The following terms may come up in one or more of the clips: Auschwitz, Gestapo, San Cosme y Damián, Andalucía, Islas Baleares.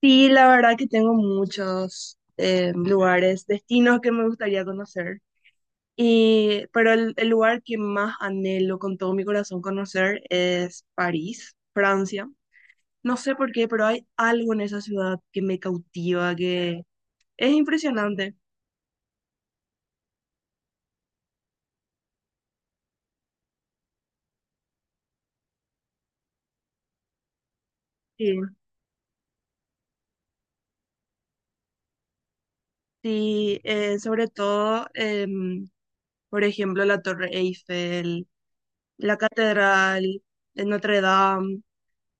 Sí, la verdad que tengo muchos lugares, destinos que me gustaría conocer. Pero el lugar que más anhelo con todo mi corazón conocer es París, Francia. No sé por qué, pero hay algo en esa ciudad que me cautiva, que es impresionante. Sí, sí, sobre todo, por ejemplo, la Torre Eiffel, la Catedral de Notre Dame.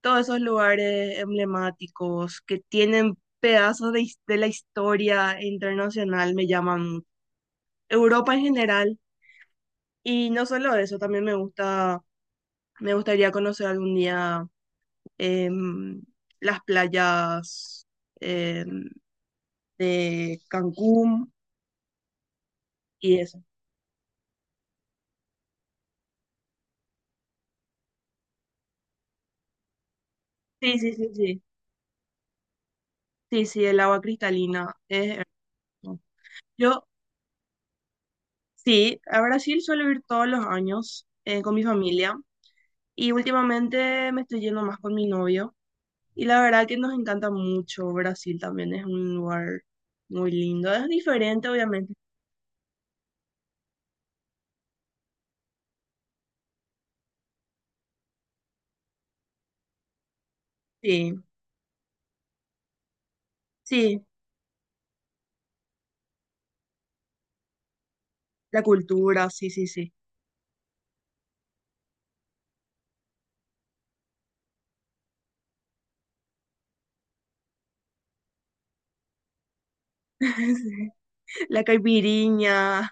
Todos esos lugares emblemáticos que tienen pedazos de la historia internacional me llaman mucho. Europa en general. Y no solo eso, también me gusta, me gustaría conocer algún día, em, las playas, em, de Cancún y eso. Sí, sí, sí, sí. Sí, sí, el agua cristalina es hermoso. Yo, sí, a Brasil suelo ir todos los años con mi familia y últimamente me estoy yendo más con mi novio. Y la verdad que nos encanta mucho. Brasil también es un lugar muy lindo. Es diferente, obviamente. Sí, sí, la cultura, sí, sí, sí. La caipirinha.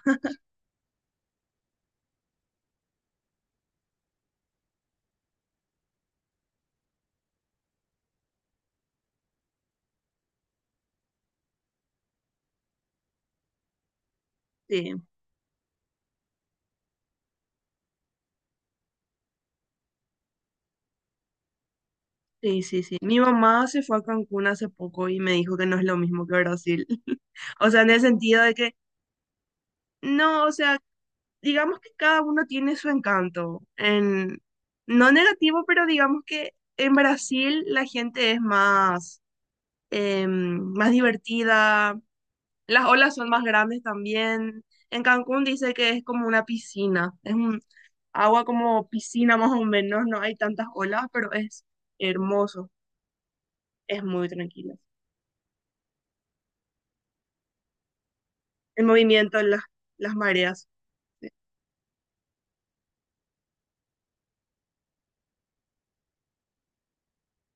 Sí, sí, sí, sí. Mi mamá se fue a Cancún hace poco y me dijo que no es lo mismo que Brasil. O sea, en el sentido de que, no, o sea, digamos que cada uno tiene su encanto. En, no negativo, pero digamos que en Brasil la gente es más, más divertida. Las olas son más grandes también. En Cancún dice que es como una piscina, es un agua como piscina más o menos, no hay tantas olas, pero es hermoso, es muy tranquilo. El movimiento, las mareas.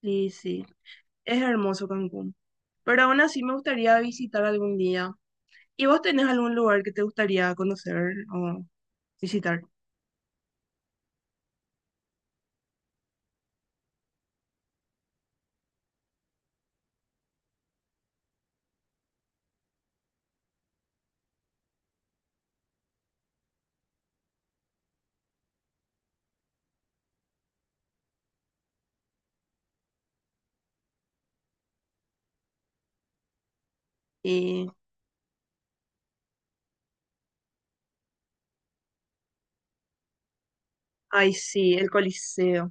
Sí, sí, es hermoso Cancún. Pero aún así me gustaría visitar algún día. ¿Y vos tenés algún lugar que te gustaría conocer o visitar? Y, ay, sí, el Coliseo.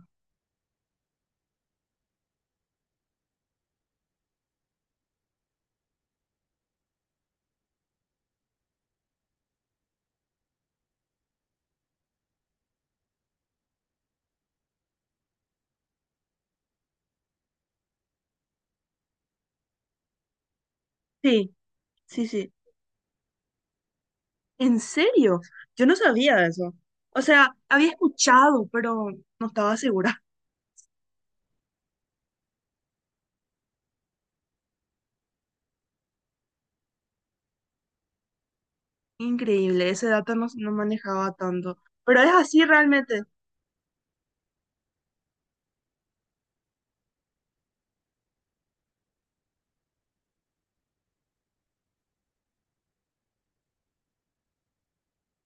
Sí, sí, sí. ¿En serio? Yo no sabía de eso. O sea, había escuchado, pero no estaba segura. Increíble, ese dato no, no manejaba tanto. Pero es así realmente.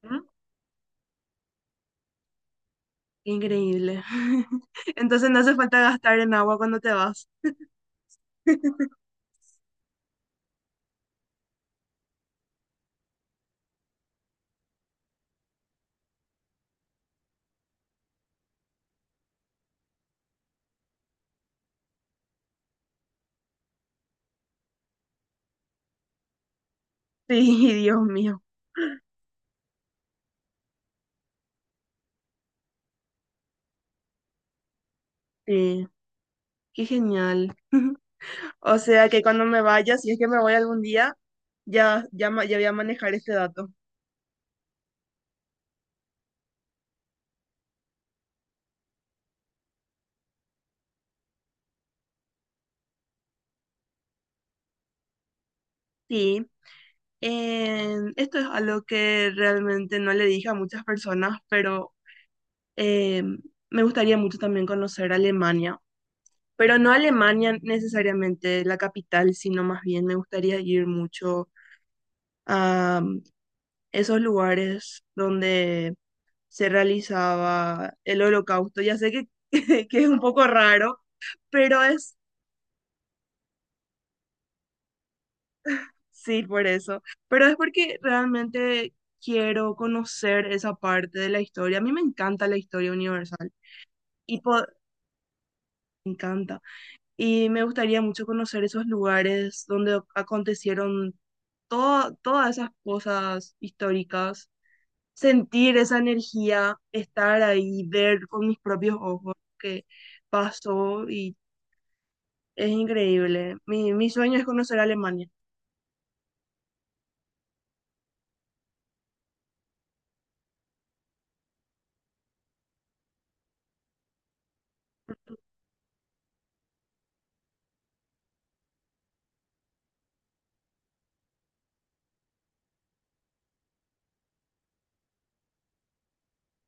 ¿Mm? Increíble. Entonces no hace falta gastar en agua cuando te vas. Sí, Dios mío. Sí, qué genial. O sea que cuando me vaya, si es que me voy algún día, ya, ya, ya voy a manejar este dato. Sí, en- esto es algo que realmente no le dije a muchas personas, pero Eh, me gustaría mucho también conocer Alemania, pero no Alemania necesariamente la capital, sino más bien me gustaría ir mucho a esos lugares donde se realizaba el holocausto. Ya sé que, que es un poco raro, pero es, sí, por eso, pero es porque realmente quiero conocer esa parte de la historia. A mí me encanta la historia universal y po- me encanta. Y me gustaría mucho conocer esos lugares donde acontecieron todas esas cosas históricas, sentir esa energía, estar ahí, ver con mis propios ojos que pasó y es increíble. Mi sueño es conocer Alemania,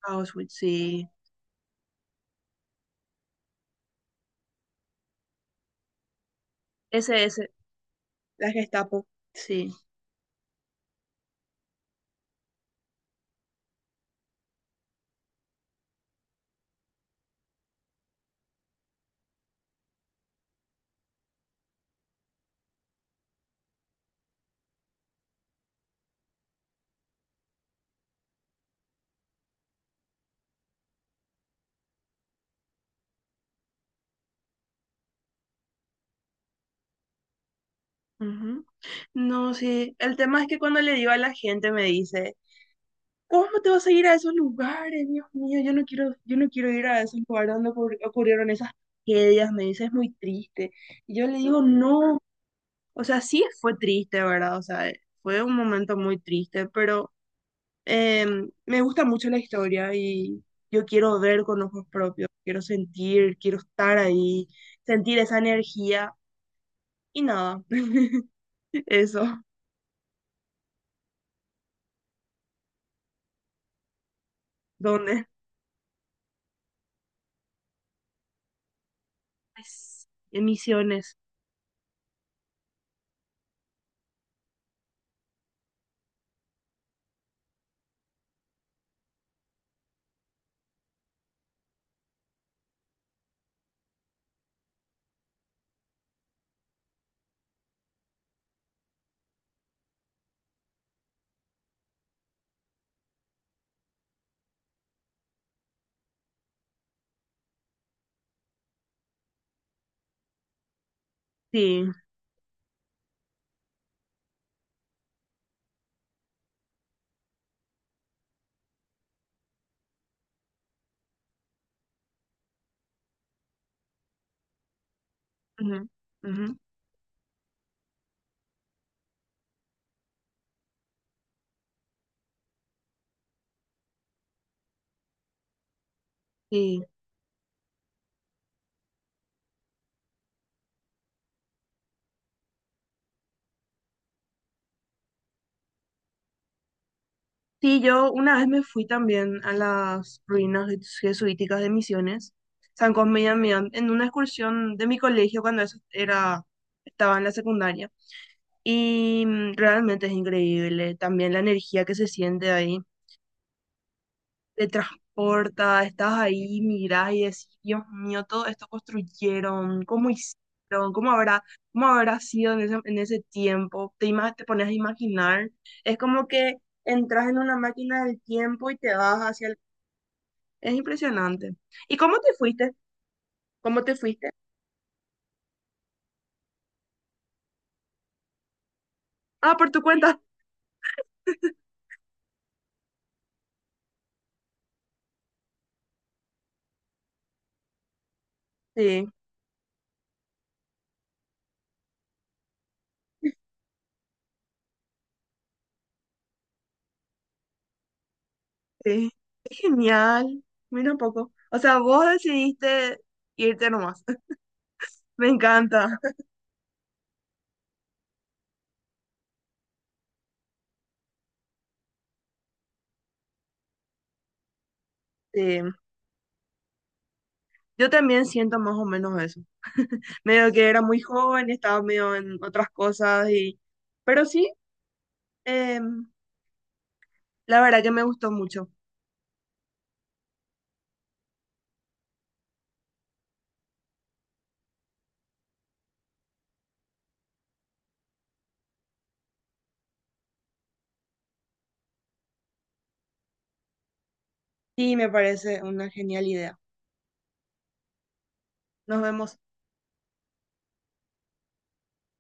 Auschwitz, sí, ese, la Gestapo, sí. Ujú. No, sí, el tema es que cuando le digo a la gente me dice... ¿Cómo te vas a ir a esos lugares? Dios mío, yo no quiero ir a esos lugares donde ocurrieron esas tragedias, me dice, es muy triste. Y yo le digo, no, o sea, sí fue triste, ¿verdad? O sea, fue un momento muy triste, pero eh, me gusta mucho la historia y yo quiero ver con ojos propios, quiero sentir, quiero estar ahí, sentir esa energía y nada, eso, ¿dónde? Pues, en Misiones, sí, ujú, ujú, sí. Sí, yo una vez me fui también a las ruinas jesuíticas de Misiones, San Cosme y Damián, en una excursión de mi colegio cuando eso era, estaba en la secundaria. Y realmente es increíble también la energía que se siente ahí, te transporta, estás ahí, mirás y decís, Dios mío, todo esto construyeron, cómo hicieron, cómo habrá sido en ese tiempo, te pones a imaginar, es como que entras en una máquina del tiempo y te vas hacia el... Es impresionante. ¿Y cómo te fuiste? ¿Cómo te fuiste? Ah, por tu cuenta. Sí, sí. Es genial. Mira un poco. O sea, vos decidiste irte nomás. Me encanta. Sí. Yo también siento más o menos eso. Medio que era muy joven y estaba medio en otras cosas y pero sí, em, la verdad que me gustó mucho y me parece una genial idea. Nos vemos.